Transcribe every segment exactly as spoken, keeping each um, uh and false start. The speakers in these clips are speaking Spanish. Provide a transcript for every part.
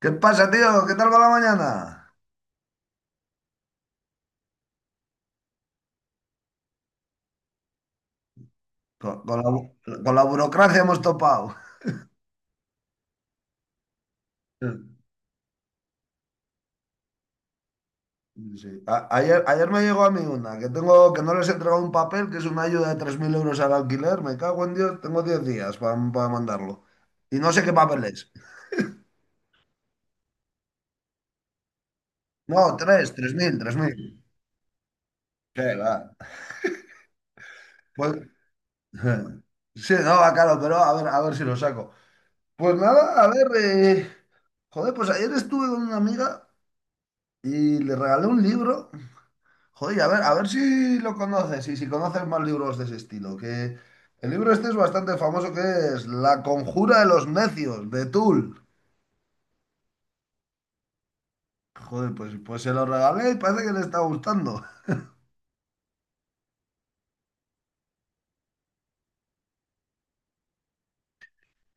¿Qué pasa, tío? ¿Qué tal va la mañana? Con, con la, bu- con la burocracia hemos topado. Sí. A- ayer, ayer me llegó a mí una, que tengo, que no les he entregado un papel, que es una ayuda de tres mil euros al alquiler. Me cago en Dios, tengo diez días para mandarlo. Y no sé qué papel es. No, tres tres mil tres mil. ¿Qué va? Pues, sí, no, va, claro, pero a ver, a ver, si lo saco. Pues nada, a ver, eh, joder, pues ayer estuve con una amiga y le regalé un libro. Joder, a ver, a ver si lo conoces y si conoces más libros de ese estilo. Que el libro este es bastante famoso, que es La conjura de los necios, de Tull. Joder, pues, pues se lo regalé y parece que le está gustando.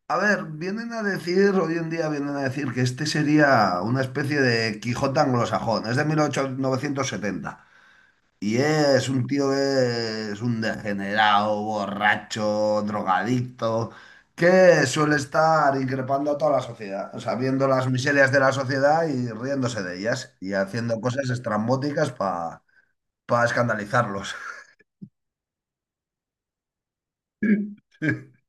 A ver, vienen a decir, hoy en día vienen a decir que este sería una especie de Quijote anglosajón, es de mil novecientos setenta. Y es un tío que es un degenerado, borracho, drogadicto, que suele estar increpando a toda la sociedad, o sea, viendo las miserias de la sociedad y riéndose de ellas y haciendo cosas estrambóticas para escandalizarlos.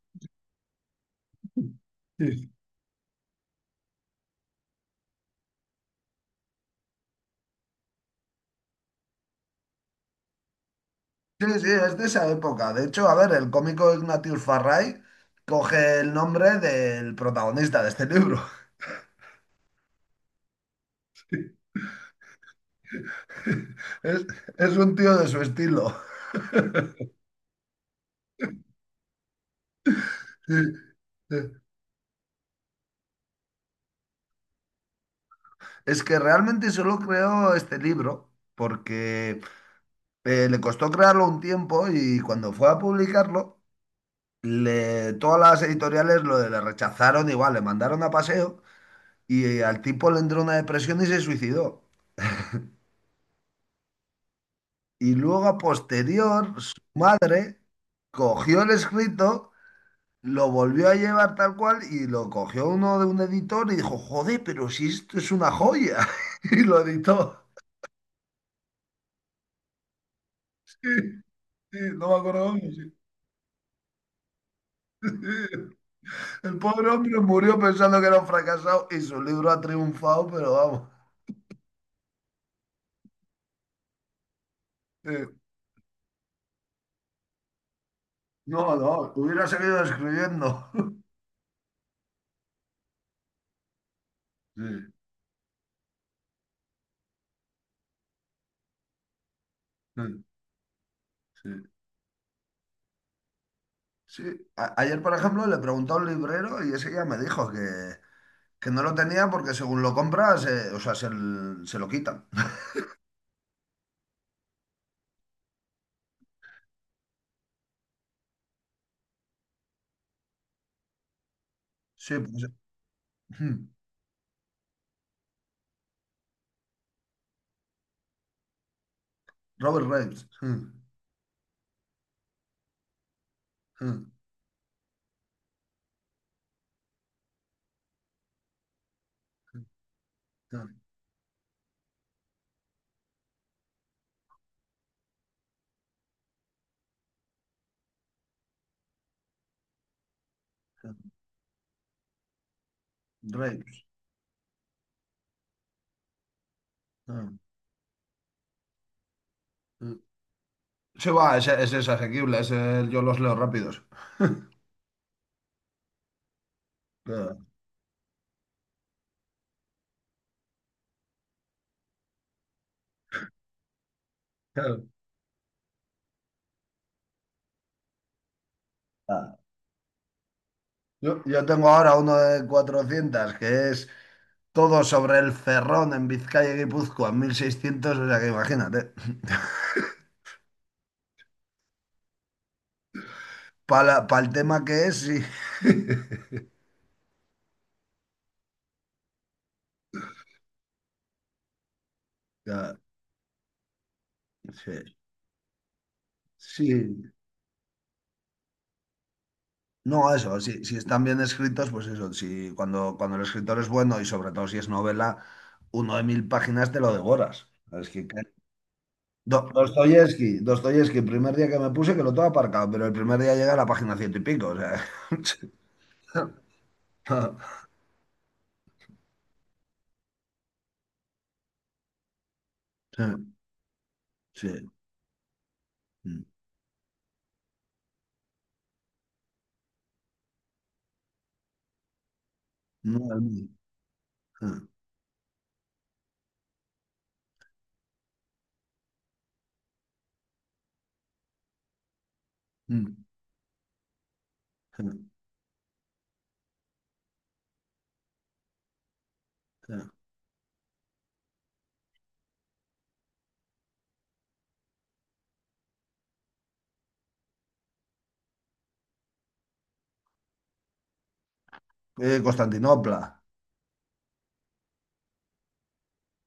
Sí, sí, es de esa época. De hecho, a ver, el cómico Ignatius Farray coge el nombre del protagonista de este libro. Es, es un tío de su estilo. Sí, sí. Es que realmente solo creó este libro porque eh, le costó crearlo un tiempo y cuando fue a publicarlo, le, todas las editoriales lo le rechazaron, igual le mandaron a paseo y eh, al tipo le entró una depresión y se suicidó. Y luego, a posterior, su madre cogió el escrito, lo volvió a llevar tal cual, y lo cogió uno de un editor y dijo, joder, pero si esto es una joya. Y lo editó. Sí, sí, no me acuerdo cómo. Sí. El pobre hombre murió pensando que era un fracasado y su libro ha triunfado, pero vamos. eh, no, no, hubiera seguido escribiendo. Sí, sí, sí. Sí. A- ayer, por ejemplo, le pregunté a un librero y ese ya me dijo que, que no lo tenía porque, según lo compras, eh, o sea, se, l- se lo quitan. Sí, pues, mm, Robert Graves. Mm, mm, mm, mm, Graves. Mm, mm. Sí, va, ese, ese es asequible, ese yo los leo rápidos. Claro, claro. Yo, yo tengo ahora uno de cuatrocientas, que es todo sobre el ferrón en Vizcaya y Guipúzcoa, mil seiscientos, o sea que imagínate. Para el tema que es, sí. Ya. Sí. Sí. No, eso, si si están bien escritos, pues eso, si cuando, cuando el escritor es bueno y sobre todo si es novela, uno de mil páginas te lo devoras. Es que Do- Dostoyevsky, Dostoyevsky, primer día que me puse, que lo tengo aparcado, pero el primer día llega a la página ciento y pico. O sea. Sí. Sí. Mm. Madre mía. Ah, mm, ah, ah. Eh, Constantinopla.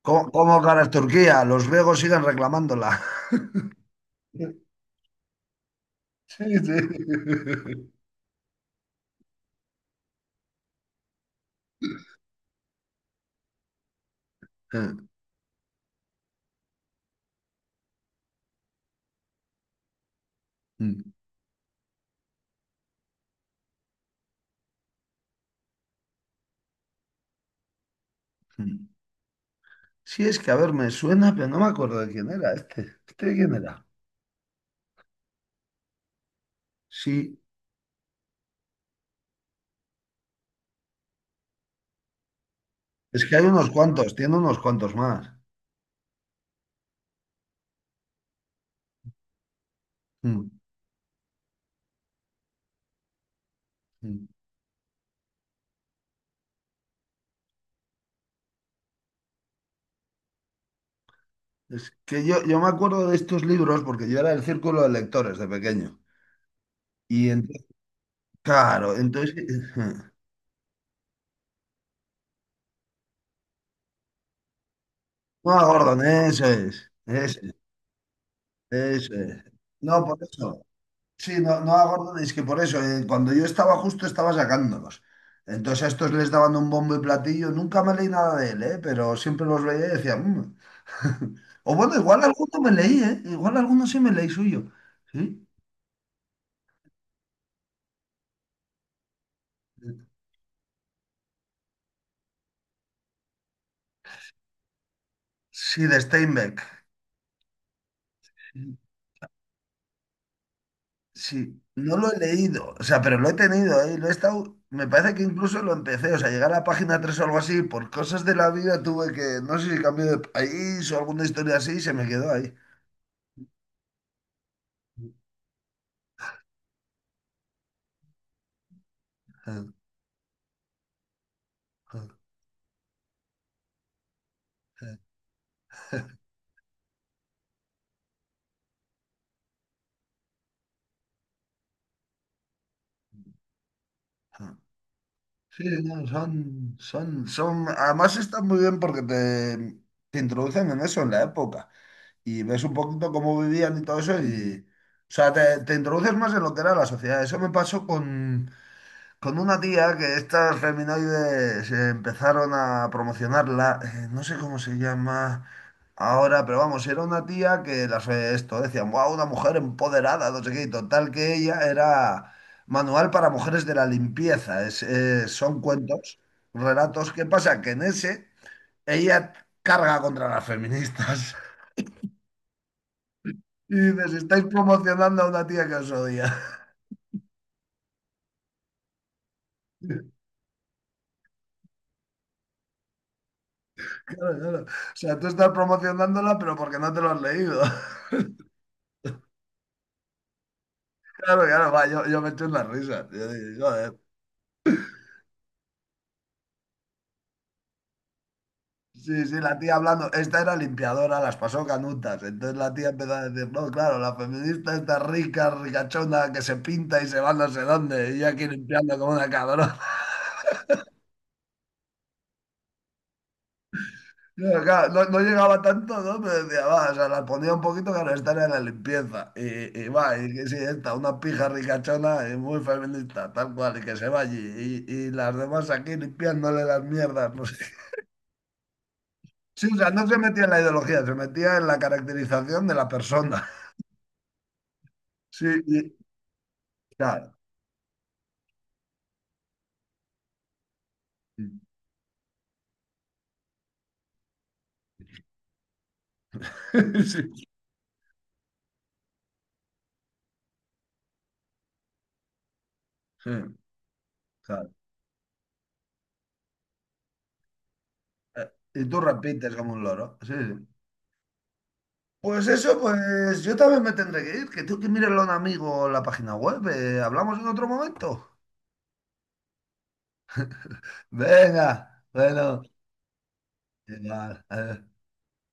¿Cómo, cómo ganas Turquía? Los griegos siguen reclamándola. Sí, sí. Ah, mm, mm. Sí, es que a ver, me suena, pero no me acuerdo de quién era este. ¿Este de quién era? Sí, es que hay unos cuantos, tiene unos cuantos más. Mm, mm. Es que yo, yo me acuerdo de estos libros porque yo era del círculo de lectores de pequeño. Y entonces, claro, entonces. No, Gordon, eso es. Ese. Eso es. eh, No, por eso. Sí, no, no hago. Es que por eso, eh, cuando yo estaba, justo estaba sacándolos. Entonces a estos les daban un bombo y platillo. Nunca me leí nada de él, ¿eh? Pero siempre los veía y decía, "Mm". O bueno, igual alguno me leí, ¿eh? Igual alguno sí me leí suyo. Sí, sí, de Steinbeck. Sí. Sí, no lo he leído, o sea, pero lo he tenido ahí, lo he estado, me parece que incluso lo empecé, o sea, llegar a la página tres o algo así, por cosas de la vida tuve que, no sé si cambio de país o alguna historia así, y se me quedó ahí. Sí, no, son, son, son, además están muy bien porque te, te introducen en eso, en la época, y ves un poquito cómo vivían y todo eso, y, o sea, te, te introduces más en lo que era la sociedad. Eso me pasó con, Con una tía que estas feminoides eh, empezaron a promocionarla, eh, no sé cómo se llama ahora, pero vamos, era una tía que las eh, esto decían, wow, una mujer empoderada, no sé qué, y total, que ella era manual para mujeres de la limpieza. Es, eh, son cuentos, relatos. ¿Qué pasa? Que en ese ella carga contra las feministas. Y dices, estáis promocionando a una tía que os odia. Claro, claro. O sea, tú estás promocionándola, pero porque no te lo has leído. Claro, claro, va, yo, yo me eché unas risas. Yo digo, joder. Sí, sí, la tía hablando, esta era limpiadora, las pasó canutas. Entonces la tía empezó a decir, no, claro, la feminista está rica, ricachona, que se pinta y se va no sé dónde, y yo aquí limpiando como una cabrona. Claro, claro, no, no llegaba tanto, ¿no? Pero decía, va, o sea, la ponía un poquito, claro, esta era la limpieza. Y, y va, y que sí, esta, una pija ricachona y muy feminista, tal cual, y que se va allí. Y, y las demás aquí limpiándole las mierdas, no sé. Sí, o sea, no se metía en la ideología, se metía en la caracterización de la persona. Sí, y- claro. Sí, sí, claro. Eh, y tú repites como un loro. Sí, sí. Pues eso, pues yo también me tendré que ir, que tú que mírelo a un amigo la página web. Eh, hablamos en otro momento. Venga, bueno, igual. eh.